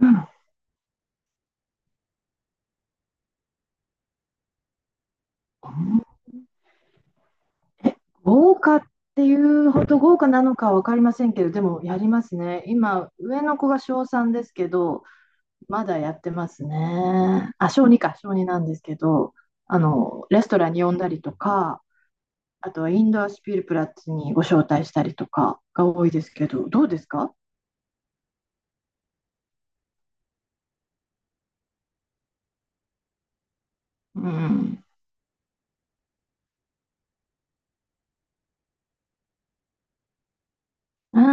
うん豪華っていうほど豪華なのかは分かりませんけど、でもやりますね。今、上の子が小3ですけど、まだやってますね。あ、小2か、小2なんですけど、レストランに呼んだりとか、あとはインドアスピルプラッツにご招待したりとかが多いですけど、どうですか？うん。あ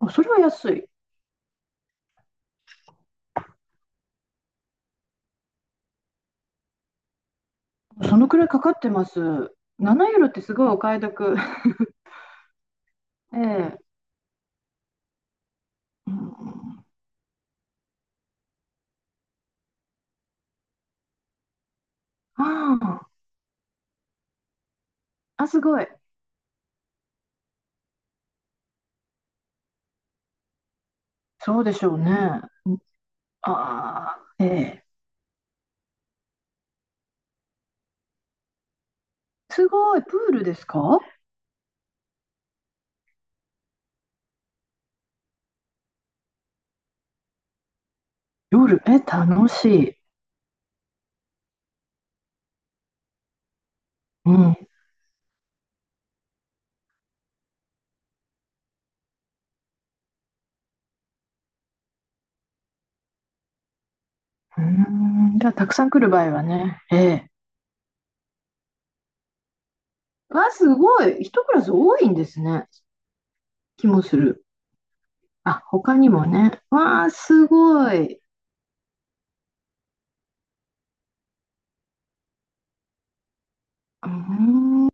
あ、それは安い。そのくらいかかってます。7ユーロってすごいお買い得。ええ。うん。ああ、あすごい。そうでしょうね。うん。ああ、ええ。すごい、プールですか？夜、え、楽しい。うん。うーん、じゃあ、たくさん来る場合はね。ええ。わあ、すごい。一クラス多いんですね。気もする。あ、他にもね。わあ、すごい。うーん。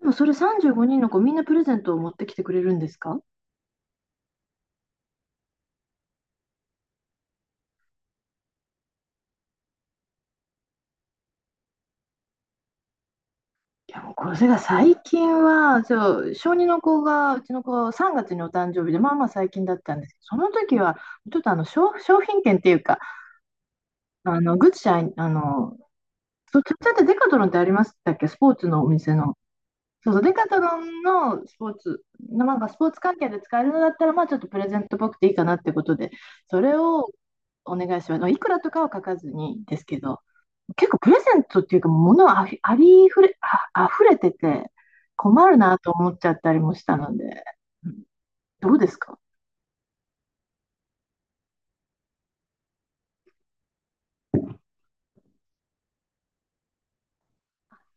でもそれ35人の子、みんなプレゼントを持ってきてくれるんですか？いやもうこれが最近はそう、小二の子がうちの子3月にお誕生日で、まあまあ最近だったんですけど、その時はちょっと商品券っていうか、グッチャイそうちっちゃって、デカトロンってありましたっけ、スポーツのお店の。そうそう、デカトロンのスポーツ、なんかスポーツ関係で使えるのだったら、まあちょっとプレゼントっぽくていいかなってことで、それをお願いしますいくらとかは書かずに、ですけど、結構プレゼントっていうか、物あふありふれ、あ、溢れてて困るなと思っちゃったりもしたので、うん、どうですか？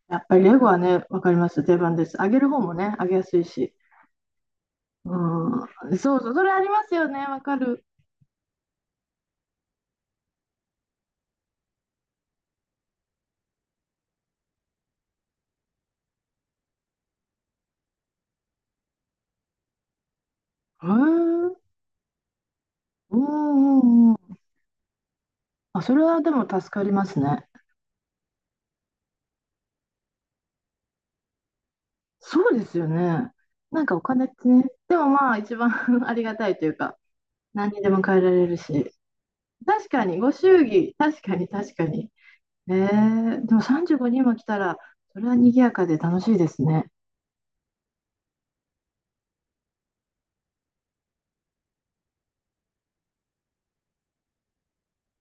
やっぱりレゴはね、わかります。定番です。あげる方もね、あげやすいし。うん、そうそう、それありますよね、わかる。へえ、うん。うんうん。あ、それはでも助かりますね。そうですよね。なんかお金ってね、でもまあ一番 ありがたいというか、何にでも変えられるし。確かに、ご祝儀、確かに確かに。えー、でも35人も来たら、それは賑やかで楽しいですね。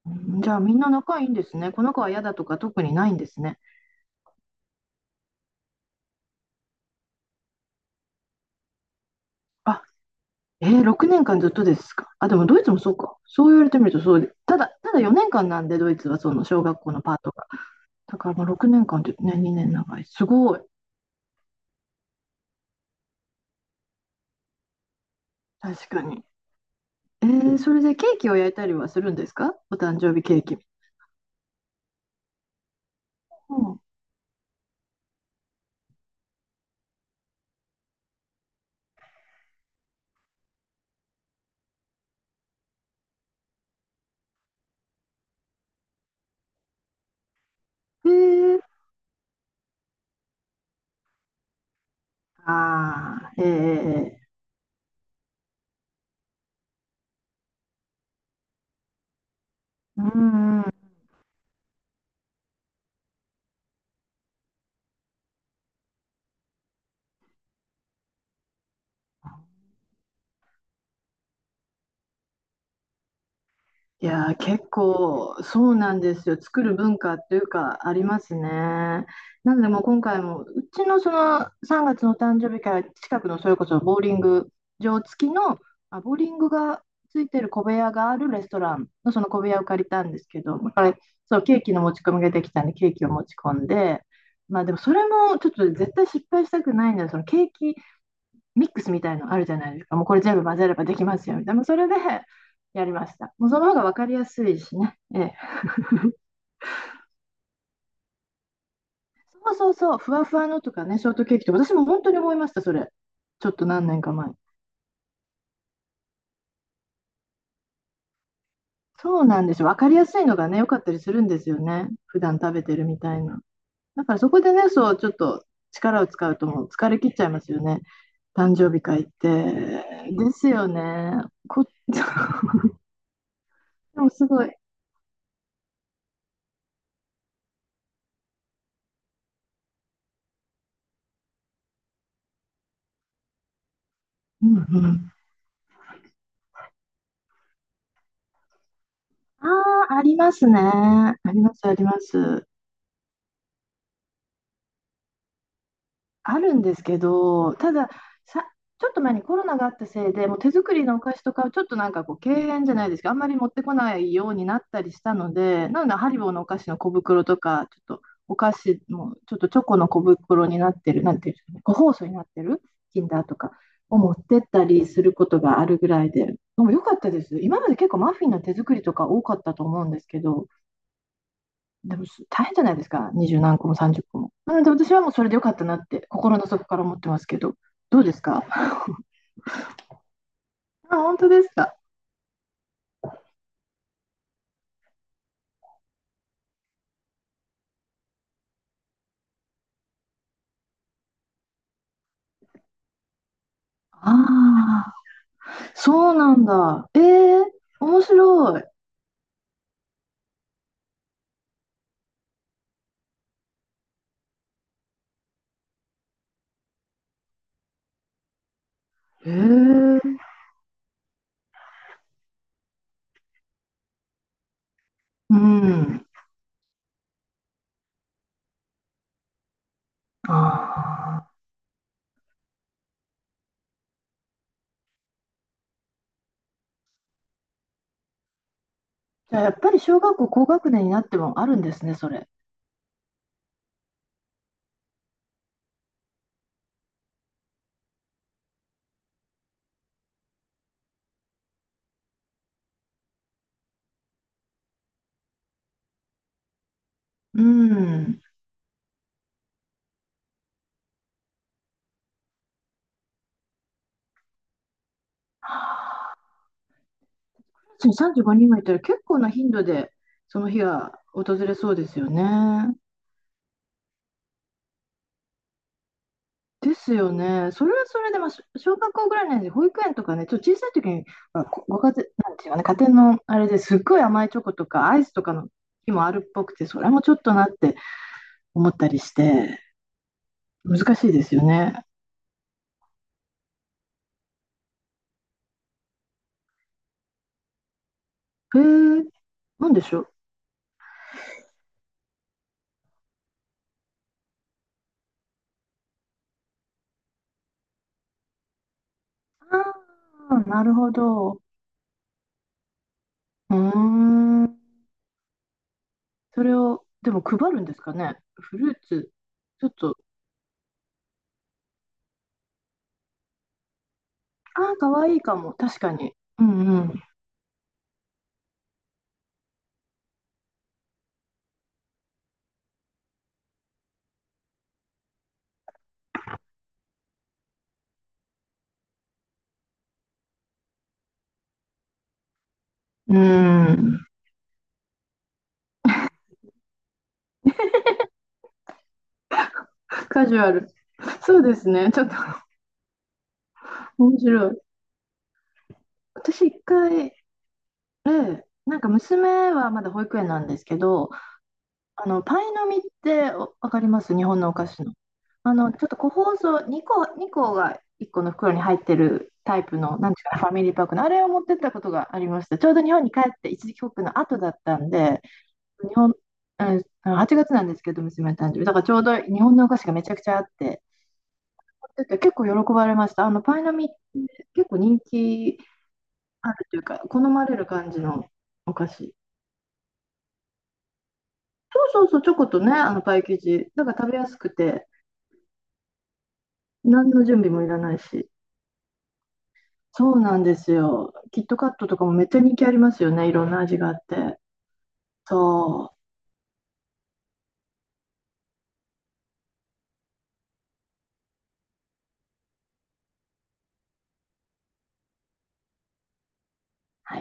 うん、じゃあみんな仲いいんですね。この子は嫌だとか特にないんですね。あ、えー、6年間ずっとですか？あ、でもドイツもそうか。そう言われてみるとそうで、ただ4年間なんで、ドイツはその小学校のパートが。だからまあ6年間ってね、2年長い。すごい。確かに。えー、それでケーキを焼いたりはするんですか、お誕生日ケーキ。うん、えー、ああ、ええー、うんうん。いやー、結構そうなんですよ。作る文化っていうかありますね。なのでもう今回もうちのその3月の誕生日会、近くのそれこそボーリング場付きの、あ、ボーリングがついてる小部屋があるレストランのその小部屋を借りたんですけど、だからそうケーキの持ち込みができたんで、ケーキを持ち込んで、まあでもそれもちょっと絶対失敗したくないので、そのケーキミックスみたいのあるじゃないですか。もうこれ全部混ぜればできますよみたいな。もうそれでやりました。もうその方が分かりやすいしね。ええ、そうそうそう、ふわふわのとかね、ショートケーキとか、私も本当に思いました、それ。ちょっと何年か前。そうなんですよ。分かりやすいのがね、良かったりするんですよね。普段食べてるみたいな。だからそこでね、そう、ちょっと力を使うともう疲れ切っちゃいますよね。誕生日会って。ですよね。こ でもすごい。うんうん。ああ、ありますね。あります、あります。あるんですけど、ただ、さ、ちょっと前にコロナがあったせいで、もう手作りのお菓子とかはちょっとなんかこう、敬遠じゃないですけど、あんまり持ってこないようになったりしたので、なので、ハリボーのお菓子の小袋とか、ちょっとお菓子も、ちょっとチョコの小袋になってる、なんていうんですかね、個包装になってる、キンダーとかを持ってったりすることがあるぐらいで、でも良かったです。今まで結構マフィンの手作りとか多かったと思うんですけど、でも大変じゃないですか、二十何個も三十個も。なので私はもうそれでよかったなって心の底から思ってますけど、どうですか？あ、本当ですか？ああ、そうなんだ。ええ、面白い。へえ。うん。ああ。じゃあやっぱり小学校高学年になってもあるんですね、それ。うん。はあ、35人もいたら結構な頻度でその日が訪れそうですよね。ですよね。それはそれで、小学校ぐらいなんで、保育園とかね、ちょっと小さい時に、ご家庭、なんていうかね、家庭のあれですっごい甘いチョコとかアイスとかの日もあるっぽくて、それもちょっとなって思ったりして、難しいですよね。へえ、なんでしょう。ああ、なるほど。うーん。それを、でも配るんですかね。フルーツ、ちょっと、ああ、かわいいかも。確かに。うんうん。うーん。カジュアル。そうですね。ちょっと面白い。私一回、あなんか娘はまだ保育園なんですけど、パイの実っておわかります、日本のお菓子の。あの、ちょっと個包装、2個、2個が1個の袋に入ってるタイプの、なんていうかな、ファミリーパックの、あれを持ってったことがありました。ちょうど日本に帰って一時帰国の後だったんで、日本、うん、8月なんですけど、娘の誕生日。だからちょうど日本のお菓子がめちゃくちゃあって、持ってって結構喜ばれました。あの、パイの実って結構人気。あるというか、好まれる感じのお菓子。そうそうそう、チョコとね、あのパイ生地。だから食べやすくて、何の準備もいらないし。そうなんですよ。キットカットとかもめっちゃ人気ありますよね。いろんな味があって。そう。